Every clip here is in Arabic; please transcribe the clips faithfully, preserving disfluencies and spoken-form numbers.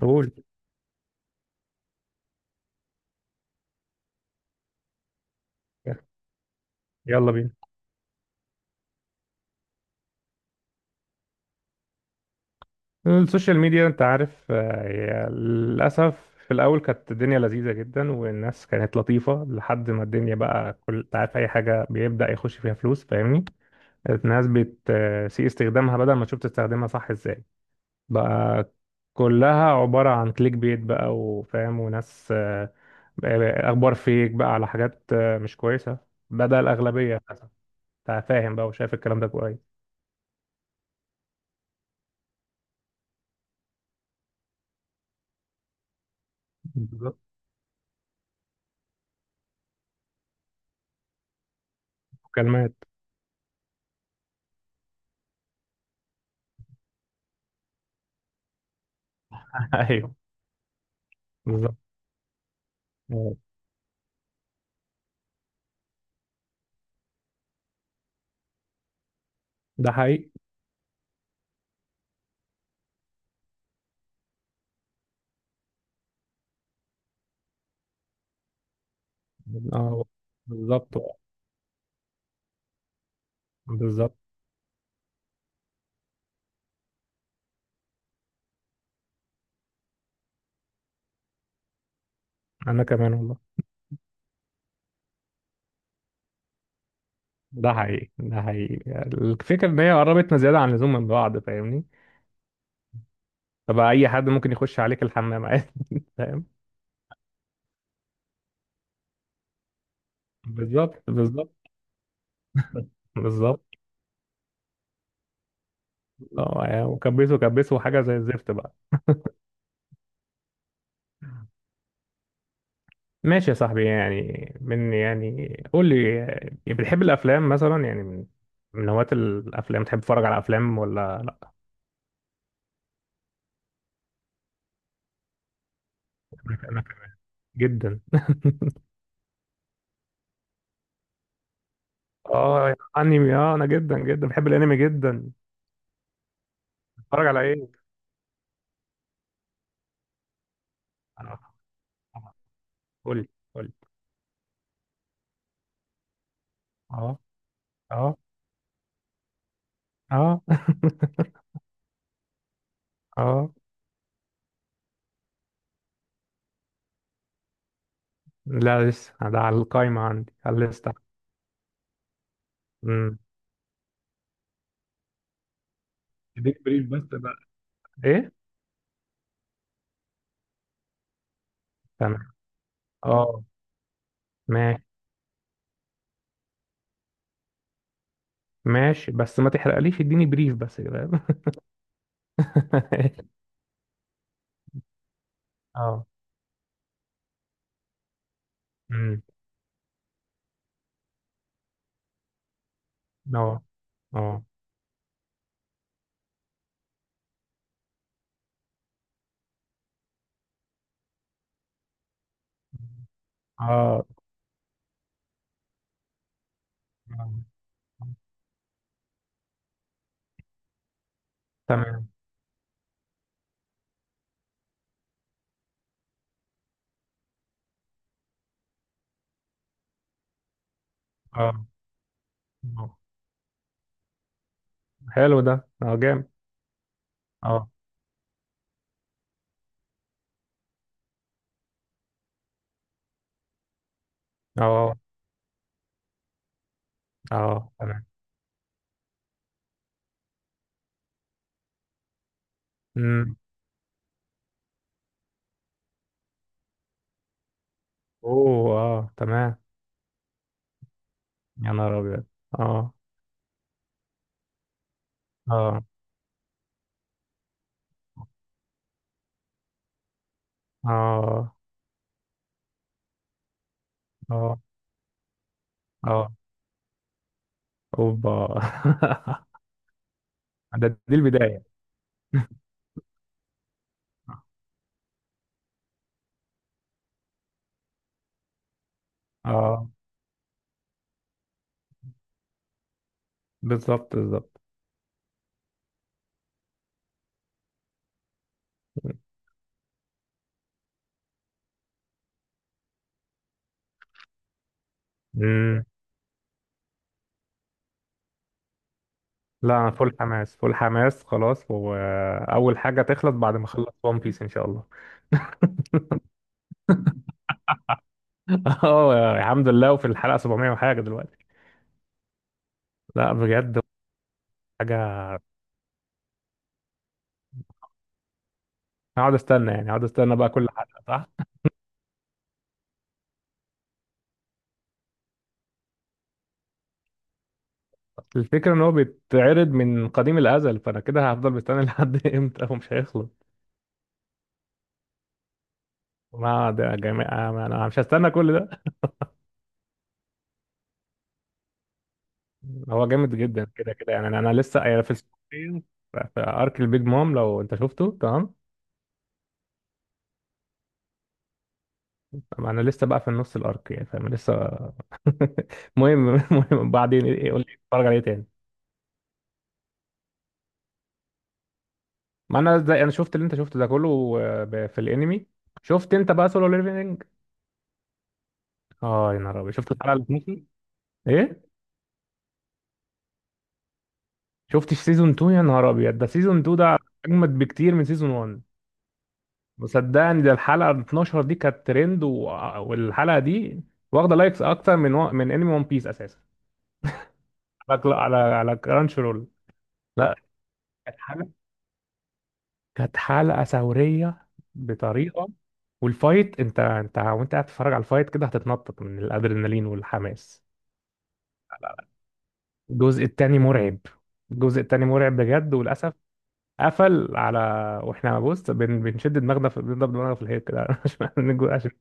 قول. يلا بينا. السوشيال ميديا، انت عارف آه، هي للاسف في الاول كانت الدنيا لذيذه جدا، والناس كانت لطيفه لحد ما الدنيا بقى كل انت عارف اي حاجه بيبدا يخش فيها فلوس، فاهمني؟ الناس بتسيء استخدامها بدل ما تشوف تستخدمها صح ازاي. بقى كلها عباره عن كليك بيت بقى وفاهم، وناس آه، بقى- اخبار فيك بقى على حاجات آه، مش كويسه، بدل الاغلبيه للاسف. انت فاهم بقى وشايف الكلام ده كويس. بالظبط. كلمات. ايوه. بالظبط. آه، ده حقيقي. اه بالظبط بالظبط. انا كمان والله. ده حقيقي، ده حقيقي. الفكره ان هي قربتنا زياده عن اللزوم من بعض، فاهمني؟ فبقى اي حد ممكن يخش عليك الحمام عادي. فاهم. بالظبط بالظبط. بالظبط. اه يعني وكبسه كبسه حاجه زي الزفت بقى. ماشي يا صاحبي، يعني من يعني قول لي، يعني بتحب الافلام مثلا؟ يعني من من هواة الافلام، تحب تتفرج على افلام ولا لا؟ انا أنا جدا. اه يعني انمي، اه انا جدا جدا بحب الانمي جدا. اتفرج على ايه؟ آه، قول لي، قول لي. اه. اه. اه. اه. لا لسه ده على القايمة عندي، على الليستة. امم. اديك بريف بس بقى. ايه. تمام. اه. ماشي. ماشي بس ما تحرقليش، اديني بريف بس كده. اه. امم. اه. اه. اه. آه. تمام. اه. آه. حلو ده، اه جامد. اه. اه. اه. تمام. امم. اوه اه تمام. يا نهار ابيض. اه. اه. اه. اه. اه. اوبا. ده دي البداية. اه. بالظبط بالظبط. مم. لا انا فول حماس، فول حماس خلاص، واول حاجة تخلص بعد ما اخلص ون بيس ان شاء الله. اه الحمد لله، وفي الحلقة سبعميه وحاجة دلوقتي. لا بجد. حاجة. هقعد استنى يعني، هقعد استنى بقى كل حلقة صح؟ الفكرة ان هو بيتعرض من قديم الازل، فانا كده هفضل مستني لحد امتى ومش هيخلص. ما ده جميع، انا مش هستنى كل ده. هو جامد جدا كده كده يعني، انا أنا لسه يعني في السعوديه، في في ارك البيج مام لو انت شفته. تمام. انا لسه بقى في النص الارك يعني، فاهم لسه. المهم المهم بعدين إيه- قول لي اتفرج عليه تاني. ما انا زي انا شفت اللي انت شفته ده كله. آه، ب- في الانمي شفت انت بقى سولو ليفلنج؟ اه يا نهار ابيض، شفت الحلقه ال اتناشر؟ ايه. شفتش سيزون اتنين؟ يا نهار ابيض ده، سيزون اتنين ده اجمد بكتير من سيزون واحد. وصدقني ده الحلقة اتناشر دي كانت ترند و... والحلقة دي واخدة لايكس أكتر من و... من أنمي ون بيس أساسا، على كلا- على على كرانش رول. لا. كانت حلقة، كانت حلقة ثورية بطريقة. والفايت أنت أنت وأنت قاعد تتفرج على الفايت كده، هتتنطط من الأدرينالين والحماس. الجزء التاني مرعب، الجزء التاني مرعب بجد وللأسف. قفل على، واحنا بص بن... بنشد دماغنا في... بنضرب دماغنا في الحيط كده عشان عشان.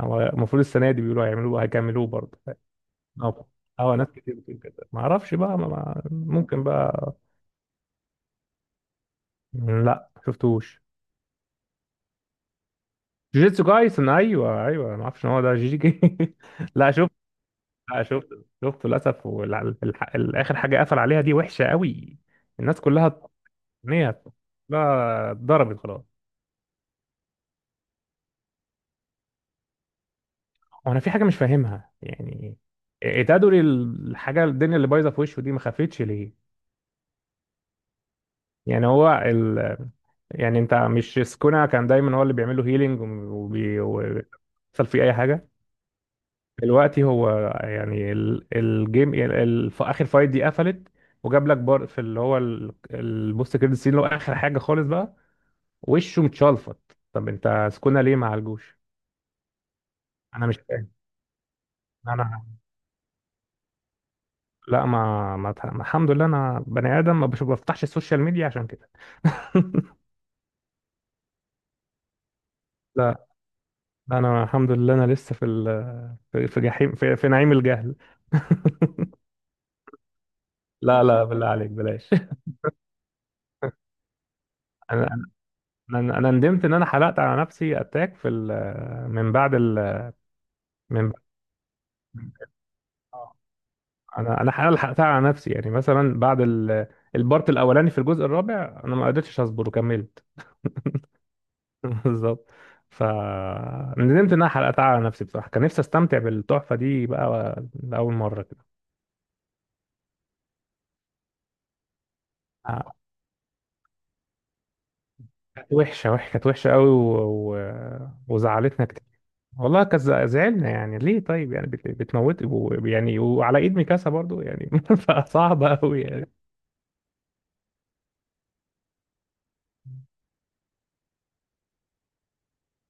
هو المفروض السنة دي بيقولوا هيعملوه هيكملوه برضه. اه. اه، ناس كتير بتقول كده، ما اعرفش بقى، ما ما- ممكن بقى. لا ما شفتوش. جوجيتسو كايسن، ايوه ايوه، ما اعرفش ان هو ده جي جي. لا شفت، لا شفت، شفته للاسف، والاخر حاجه قفل عليها دي وحشه قوي. الناس كلها. نيت. لا اتضربت خلاص. وانا في حاجه مش فاهمها يعني. إيه- إيه تدري الحاجه الدنيا اللي بايظه في وشه دي ما خفتش ليه؟ يعني هو ال... يعني انت مش سكونا كان دايما هو اللي بيعمل له هيلينج وبي... وبيحصل فيه اي حاجه. دلوقتي هو يعني ال... الجيم ال... ال... في اخر فايت دي قفلت، وجاب لك بار في اللي هو ال... البوست كريدت سين اللي هو اخر حاجه خالص بقى، وشه متشلفط، طب انت سكونا ليه ما عالجوش؟ انا مش فاهم. انا. لا ما, ما... ما الحمد لله، انا بني ادم ما بش- بفتحش السوشيال ميديا عشان كده. انا الحمد لله انا لسه في ال- في في جحيم في, في نعيم الجهل. لا لا بالله عليك بلاش. انا انا انا ندمت ان انا حلقت على نفسي اتاك في ال- من بعد ال. من. آه. انا انا حلقة حلقتها على نفسي يعني، مثلا بعد ال- البارت الاولاني في الجزء الرابع، انا ما قدرتش اصبر وكملت. بالظبط. ف ندمت ان انا حلقتها على نفسي بصراحه، كان نفسي استمتع بالتحفه دي بقى، لاول مره كده. آه، كانت وحشه، وحشه، كانت وحشه قوي و... و... وزعلتنا كتير. والله كز- زعلنا يعني، ليه طيب؟ يعني بت- بتموت و- يعني، وعلى ايد ميكاسا برضو يعني. فصعبة قوي يعني.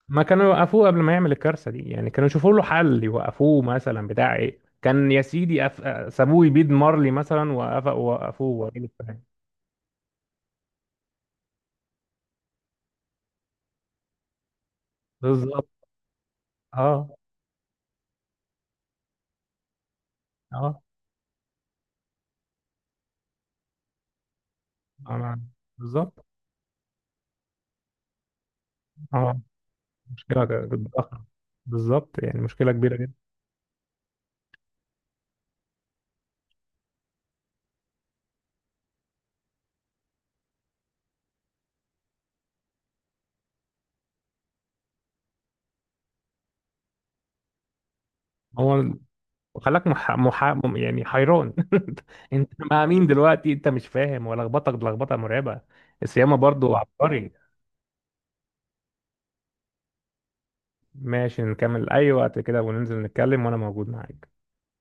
ما كانوا يوقفوه قبل ما يعمل الكارثة دي يعني، كانوا يشوفوا له حل يوقفوه مثلا، بتاع ايه كان يا سيدي أف... سابوه يبيد مارلي مثلا، وقف... وقفوه وقالوا بتاع. بالظبط. اه اه. أنا... بالظبط. اه مشكلة ك- ضخمة، بالظبط يعني مشكلة كبيرة جدا. هو وخلاك مح... مح... يعني حيران. انت مع مين دلوقتي؟ انت مش فاهم، ولخبطك لخبطه مرعبه. السيامه برضو عبقري. ماشي نكمل اي وقت كده، وننزل نتكلم، وانا موجود معاك.